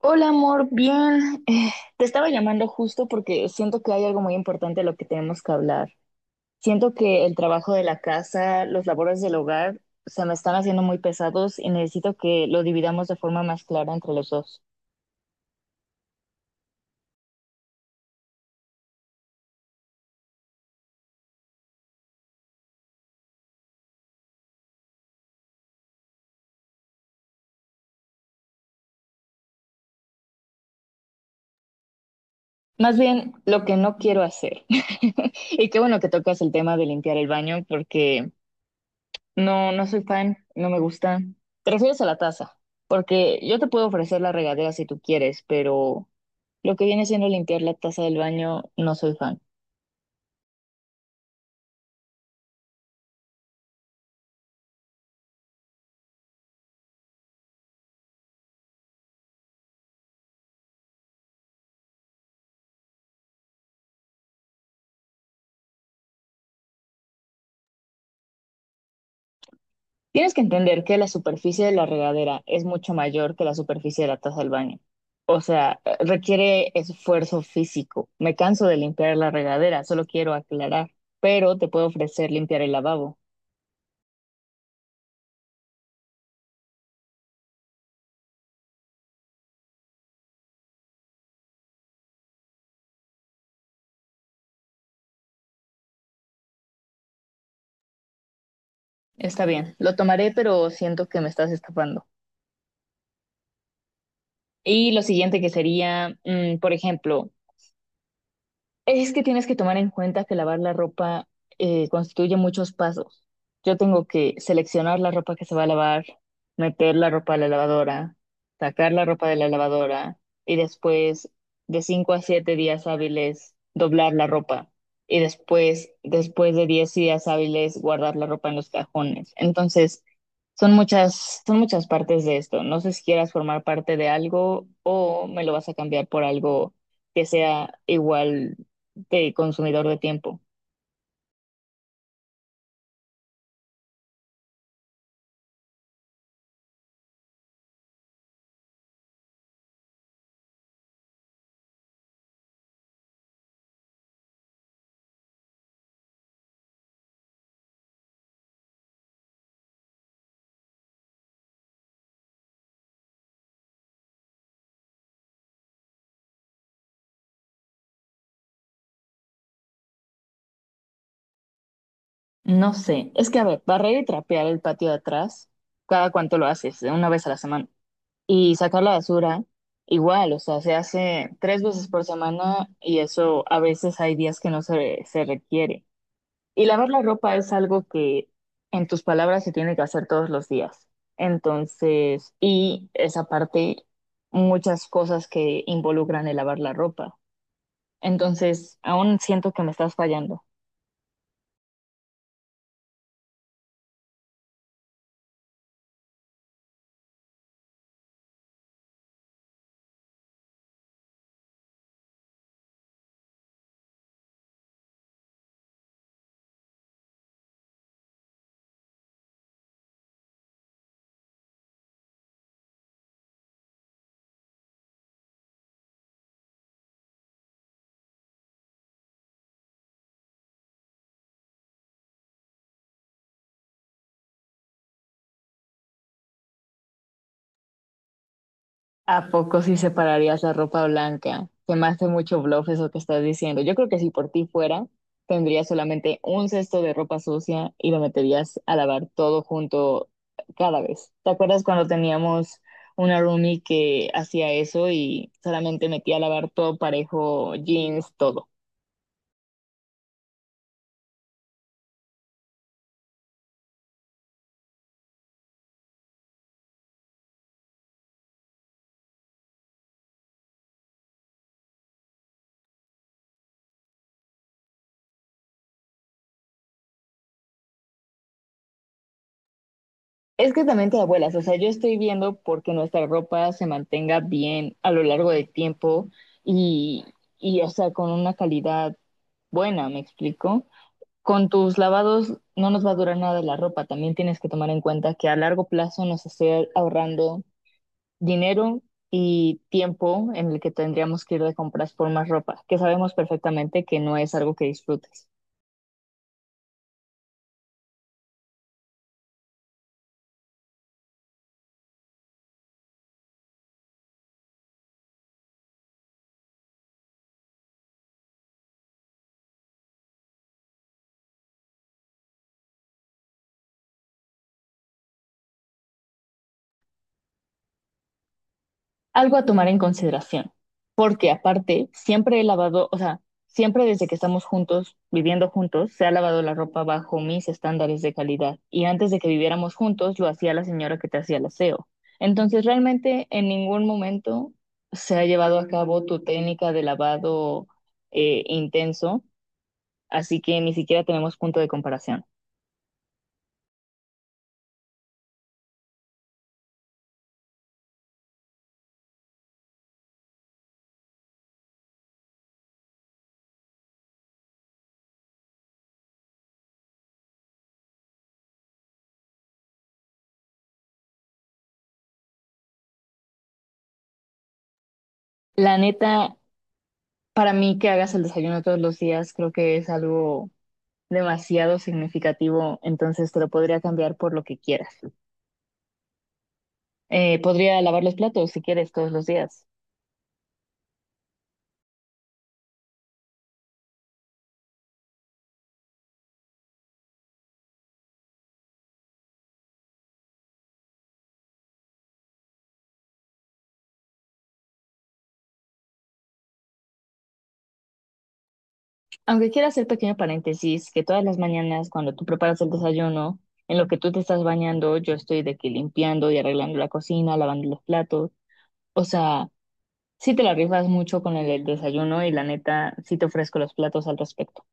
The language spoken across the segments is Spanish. Hola amor, bien. Te estaba llamando justo porque siento que hay algo muy importante de lo que tenemos que hablar. Siento que el trabajo de la casa, los labores del hogar, se me están haciendo muy pesados y necesito que lo dividamos de forma más clara entre los dos. Más bien, lo que no quiero hacer. Y qué bueno que tocas el tema de limpiar el baño porque no, no soy fan, no me gusta. Te refieres a la taza, porque yo te puedo ofrecer la regadera si tú quieres, pero lo que viene siendo limpiar la taza del baño, no soy fan. Tienes que entender que la superficie de la regadera es mucho mayor que la superficie de la taza del baño. O sea, requiere esfuerzo físico. Me canso de limpiar la regadera, solo quiero aclarar, pero te puedo ofrecer limpiar el lavabo. Está bien, lo tomaré, pero siento que me estás escapando. Y lo siguiente que sería, por ejemplo, es que tienes que tomar en cuenta que lavar la ropa constituye muchos pasos. Yo tengo que seleccionar la ropa que se va a lavar, meter la ropa a la lavadora, sacar la ropa de la lavadora y después de 5 a 7 días hábiles doblar la ropa y después de 10 días hábiles guardar la ropa en los cajones. Entonces, son muchas partes de esto. No sé si quieras formar parte de algo o me lo vas a cambiar por algo que sea igual de consumidor de tiempo. No sé, es que a ver, barrer y trapear el patio de atrás, ¿cada cuánto lo haces, de una vez a la semana? Y sacar la basura, igual, o sea, se hace 3 veces por semana y eso a veces hay días que no se requiere. Y lavar la ropa es algo que, en tus palabras, se tiene que hacer todos los días. Entonces, y esa parte, muchas cosas que involucran el lavar la ropa. Entonces, aún siento que me estás fallando. ¿A poco sí separarías la ropa blanca? Se me hace mucho bluff eso que estás diciendo. Yo creo que si por ti fuera, tendrías solamente un cesto de ropa sucia y lo meterías a lavar todo junto cada vez. ¿Te acuerdas cuando teníamos una roomie que hacía eso y solamente metía a lavar todo parejo, jeans, todo? Es que también te abuelas, o sea, yo estoy viendo porque nuestra ropa se mantenga bien a lo largo del tiempo y, o sea, con una calidad buena, ¿me explico? Con tus lavados no nos va a durar nada la ropa, también tienes que tomar en cuenta que a largo plazo nos esté ahorrando dinero y tiempo en el que tendríamos que ir de compras por más ropa, que sabemos perfectamente que no es algo que disfrutes. Algo a tomar en consideración, porque aparte siempre he lavado, o sea, siempre desde que estamos juntos, viviendo juntos, se ha lavado la ropa bajo mis estándares de calidad. Y antes de que viviéramos juntos, lo hacía la señora que te hacía el aseo. Entonces, realmente en ningún momento se ha llevado a cabo tu técnica de lavado intenso, así que ni siquiera tenemos punto de comparación. La neta, para mí que hagas el desayuno todos los días, creo que es algo demasiado significativo, entonces te lo podría cambiar por lo que quieras. Podría lavar los platos si quieres todos los días. Aunque quiero hacer pequeño paréntesis, que todas las mañanas cuando tú preparas el desayuno, en lo que tú te estás bañando, yo estoy de que limpiando y arreglando la cocina, lavando los platos. O sea, sí te la rifas mucho con el desayuno y la neta, sí te ofrezco los platos al respecto.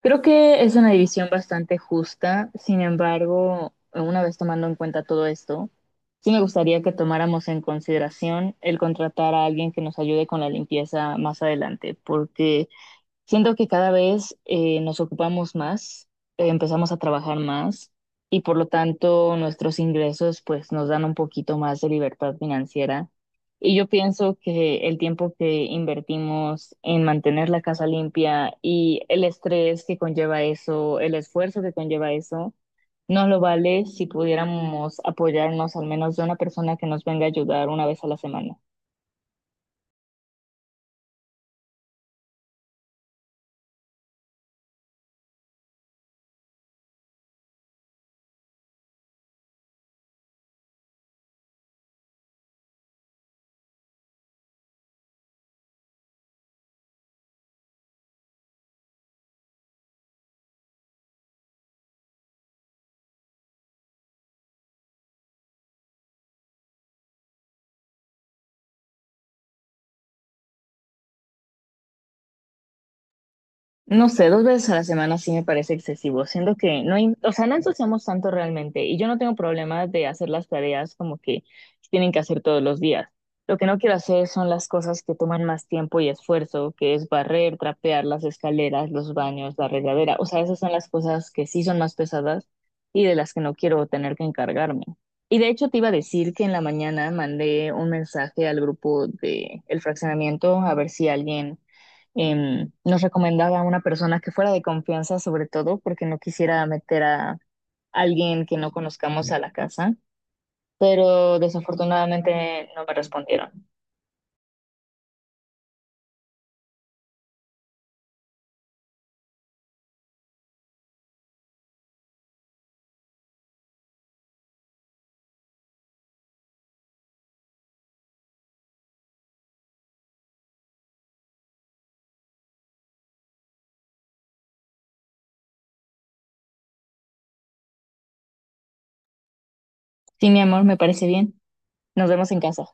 Creo que es una división bastante justa, sin embargo, una vez tomando en cuenta todo esto, sí me gustaría que tomáramos en consideración el contratar a alguien que nos ayude con la limpieza más adelante, porque siento que cada vez nos ocupamos más, empezamos a trabajar más y por lo tanto nuestros ingresos pues nos dan un poquito más de libertad financiera. Y yo pienso que el tiempo que invertimos en mantener la casa limpia y el estrés que conlleva eso, el esfuerzo que conlleva eso, no lo vale si pudiéramos apoyarnos al menos de una persona que nos venga a ayudar una vez a la semana. No sé, 2 veces a la semana sí me parece excesivo, siendo que no, o sea, no ensuciamos tanto realmente y yo no tengo problemas de hacer las tareas como que tienen que hacer todos los días. Lo que no quiero hacer son las cosas que toman más tiempo y esfuerzo, que es barrer, trapear las escaleras, los baños, la regadera. O sea, esas son las cosas que sí son más pesadas y de las que no quiero tener que encargarme. Y de hecho te iba a decir que en la mañana mandé un mensaje al grupo de el fraccionamiento a ver si alguien nos recomendaba a una persona que fuera de confianza, sobre todo porque no quisiera meter a alguien que no conozcamos a la casa, pero desafortunadamente no me respondieron. Sí, mi amor, me parece bien. Nos vemos en casa.